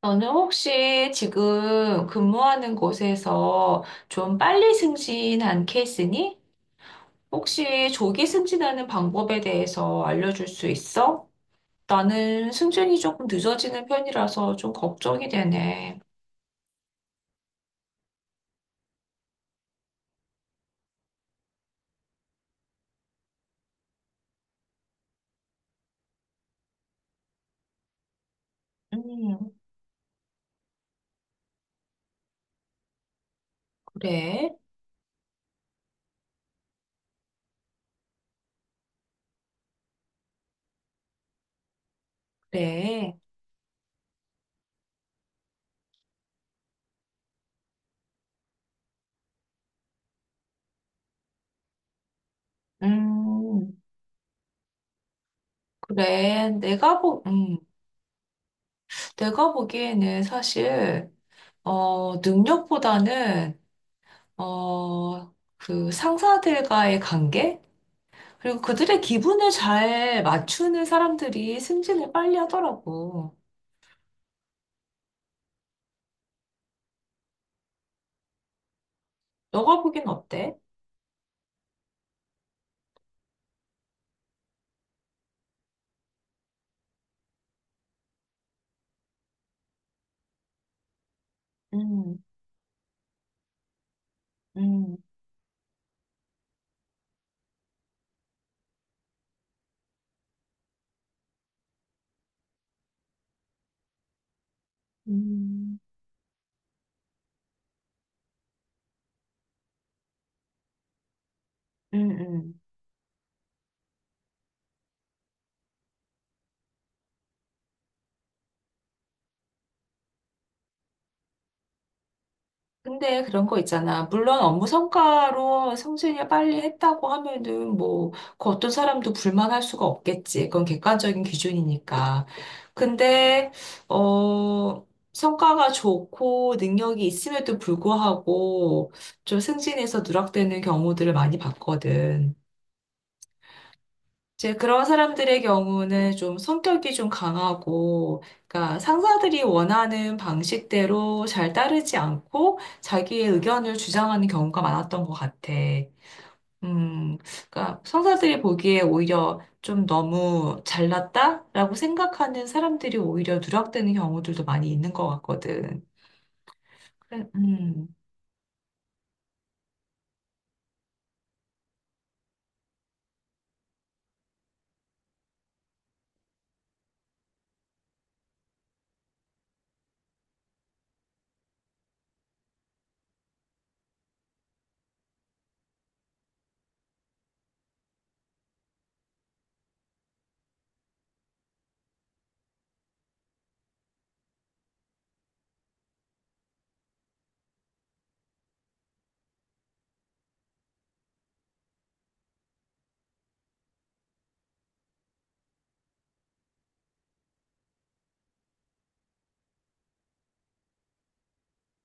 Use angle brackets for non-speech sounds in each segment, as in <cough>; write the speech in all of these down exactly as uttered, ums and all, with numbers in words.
너는 혹시 지금 근무하는 곳에서 좀 빨리 승진한 케이스니? 혹시 조기 승진하는 방법에 대해서 알려줄 수 있어? 나는 승진이 조금 늦어지는 편이라서 좀 걱정이 되네. 음, 그래, 그래. 음, 그래. 내가 보, 음, 내가 보기에는 사실, 어, 능력보다는, 어, 그 상사들과의 관계? 그리고 그들의 기분을 잘 맞추는 사람들이 승진을 빨리 하더라고. 너가 보기엔 어때? 음, 음, 음, 음, 음. 근데 그런 거 있잖아. 물론 업무 성과로 승진을 빨리 했다고 하면은 뭐, 그 어떤 사람도 불만할 수가 없겠지. 그건 객관적인 기준이니까. 근데, 어, 성과가 좋고 능력이 있음에도 불구하고 좀 승진해서 누락되는 경우들을 많이 봤거든. 이제 그런 사람들의 경우는 좀 성격이 좀 강하고, 그러니까 상사들이 원하는 방식대로 잘 따르지 않고 자기의 의견을 주장하는 경우가 많았던 것 같아. 음, 그러니까 상사들이 보기에 오히려 좀 너무 잘났다라고 생각하는 사람들이 오히려 누락되는 경우들도 많이 있는 것 같거든. 그래, 음.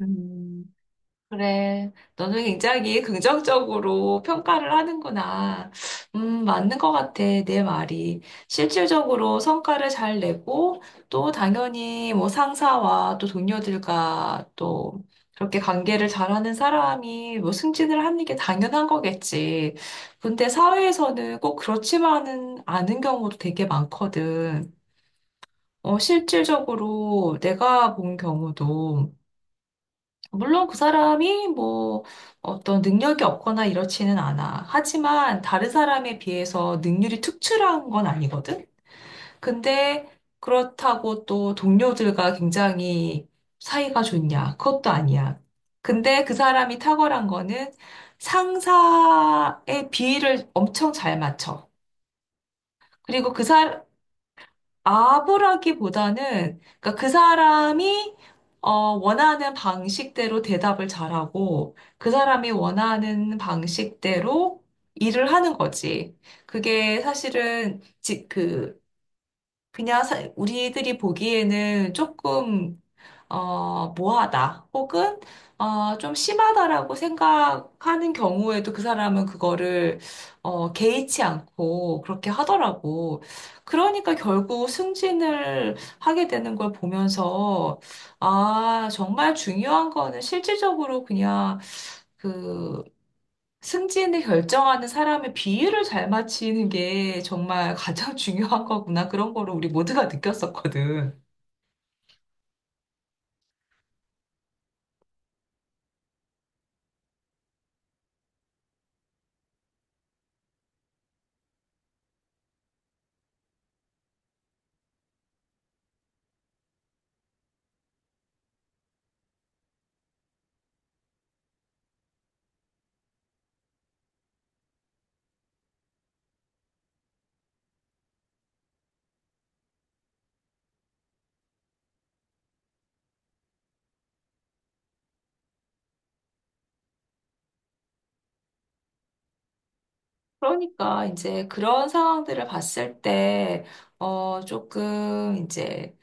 음. 그래. 너는 굉장히 긍정적으로 평가를 하는구나. 음, 맞는 것 같아, 내 말이. 실질적으로 성과를 잘 내고, 또 당연히 뭐 상사와 또 동료들과 또 그렇게 관계를 잘하는 사람이 뭐 승진을 하는 게 당연한 거겠지. 근데 사회에서는 꼭 그렇지만은 않은 경우도 되게 많거든. 어, 실질적으로 내가 본 경우도 물론 그 사람이 뭐 어떤 능력이 없거나 이렇지는 않아. 하지만 다른 사람에 비해서 능률이 특출한 건 아니거든? 근데 그렇다고 또 동료들과 굉장히 사이가 좋냐? 그것도 아니야. 근데 그 사람이 탁월한 거는 상사의 비위를 엄청 잘 맞춰. 그리고 그사 아부라기보다는 그러니까 그 사람이 어, 원하는 방식대로 대답을 잘하고 그 사람이 원하는 방식대로 일을 하는 거지. 그게 사실은 지, 그 그냥 사- 우리들이 보기에는 조금 어, 뭐하다 혹은 어, 좀 심하다라고 생각하는 경우에도 그 사람은 그거를 어, 개의치 않고 그렇게 하더라고. 그러니까 결국 승진을 하게 되는 걸 보면서 아, 정말 중요한 거는 실질적으로 그냥 그 승진을 결정하는 사람의 비율을 잘 맞추는 게 정말 가장 <laughs> 중요한 거구나. 그런 거를 우리 모두가 느꼈었거든. 그러니까 이제 그런 상황들을 봤을 때, 어, 조금 이제,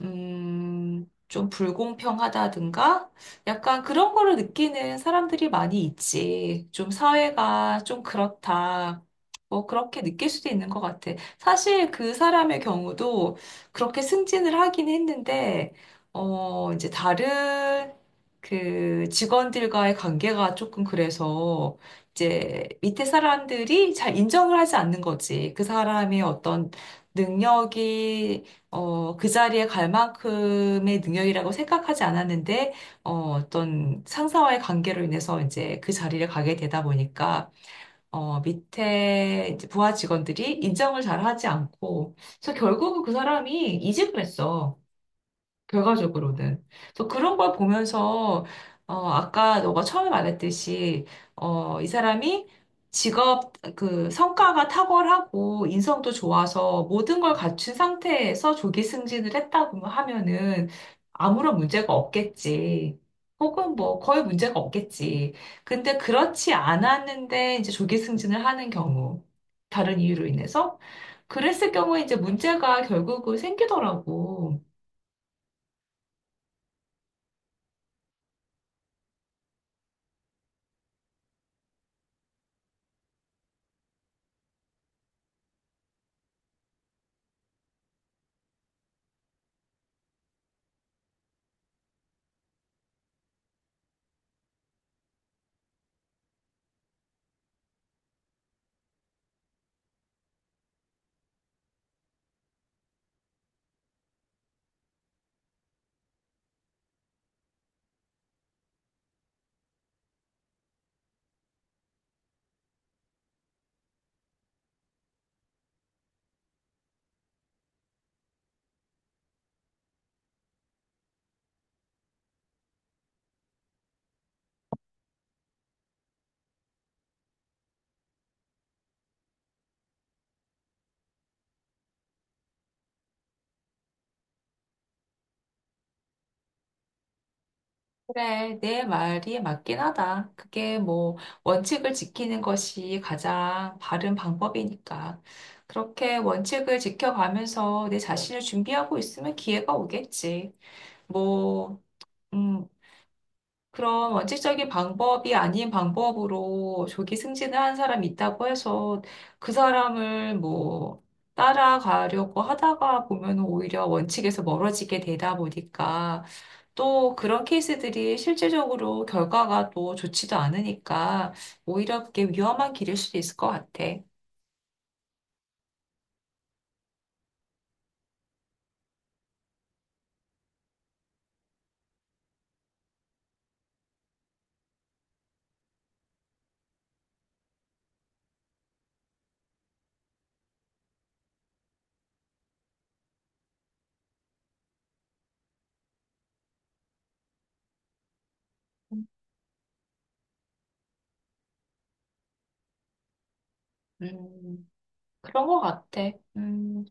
음, 좀 불공평하다든가 약간 그런 거를 느끼는 사람들이 많이 있지. 좀 사회가 좀 그렇다. 뭐 그렇게 느낄 수도 있는 것 같아. 사실 그 사람의 경우도 그렇게 승진을 하긴 했는데, 어, 이제 다른 그 직원들과의 관계가 조금 그래서 이제 밑에 사람들이 잘 인정을 하지 않는 거지. 그 사람의 어떤 능력이 어, 그 자리에 갈 만큼의 능력이라고 생각하지 않았는데 어, 어떤 상사와의 관계로 인해서 이제 그 자리를 가게 되다 보니까 어, 밑에 이제 부하 직원들이 인정을 잘 하지 않고 그래서 결국은 그 사람이 이직을 했어. 결과적으로는. 그래서 그런 걸 보면서, 어, 아까 너가 처음에 말했듯이, 어, 이 사람이 직업, 그, 성과가 탁월하고 인성도 좋아서 모든 걸 갖춘 상태에서 조기 승진을 했다고 하면은 아무런 문제가 없겠지. 혹은 뭐 거의 문제가 없겠지. 근데 그렇지 않았는데 이제 조기 승진을 하는 경우, 다른 이유로 인해서. 그랬을 경우에 이제 문제가 결국은 생기더라고. 그래, 내 말이 맞긴 하다. 그게 뭐 원칙을 지키는 것이 가장 바른 방법이니까. 그렇게 원칙을 지켜가면서 내 자신을 준비하고 있으면 기회가 오겠지. 뭐, 음, 그런 원칙적인 방법이 아닌 방법으로 조기 승진을 한 사람이 있다고 해서 그 사람을 뭐 따라가려고 하다가 보면 오히려 원칙에서 멀어지게 되다 보니까 또 그런 케이스들이 실질적으로 결과가 또 좋지도 않으니까 오히려 그게 위험한 길일 수도 있을 것 같아. 음, 그런 것 같아. 음,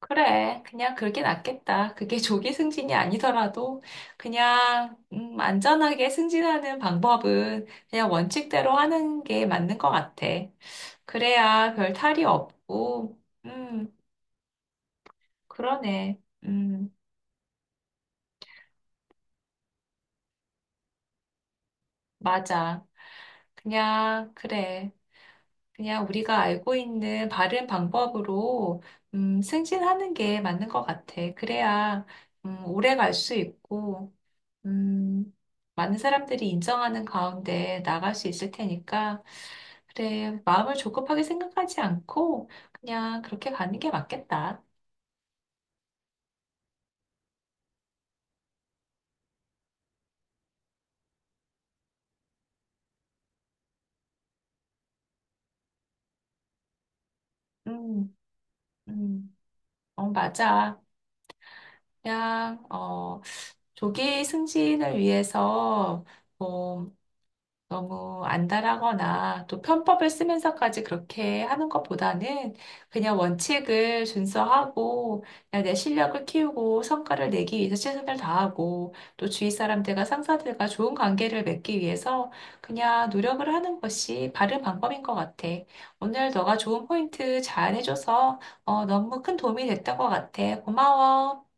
그래. 그냥 그게 낫겠다. 그게 <laughs> 조기 승진이 아니더라도 그냥, 음, 안전하게 승진하는 방법은 그냥 원칙대로 하는 게 맞는 것 같아. 그래야 별 탈이 없고, 음, 그러네. 음, 맞아. 그냥, 그래. 그냥 우리가 알고 있는 바른 방법으로 음, 승진하는 게 맞는 것 같아. 그래야 음, 오래 갈 수 있고 음, 많은 사람들이 인정하는 가운데 나갈 수 있을 테니까 그래, 마음을 조급하게 생각하지 않고 그냥 그렇게 가는 게 맞겠다. 음, 음, 어, 맞아. 그냥 어, 조기 승진을 위해서 뭐 너무 안달하거나 또 편법을 쓰면서까지 그렇게 하는 것보다는 그냥 원칙을 준수하고 그냥 내 실력을 키우고 성과를 내기 위해서 최선을 다하고 또 주위 사람들과 상사들과 좋은 관계를 맺기 위해서 그냥 노력을 하는 것이 바른 방법인 것 같아. 오늘 너가 좋은 포인트 잘 해줘서 어, 너무 큰 도움이 됐던 것 같아. 고마워.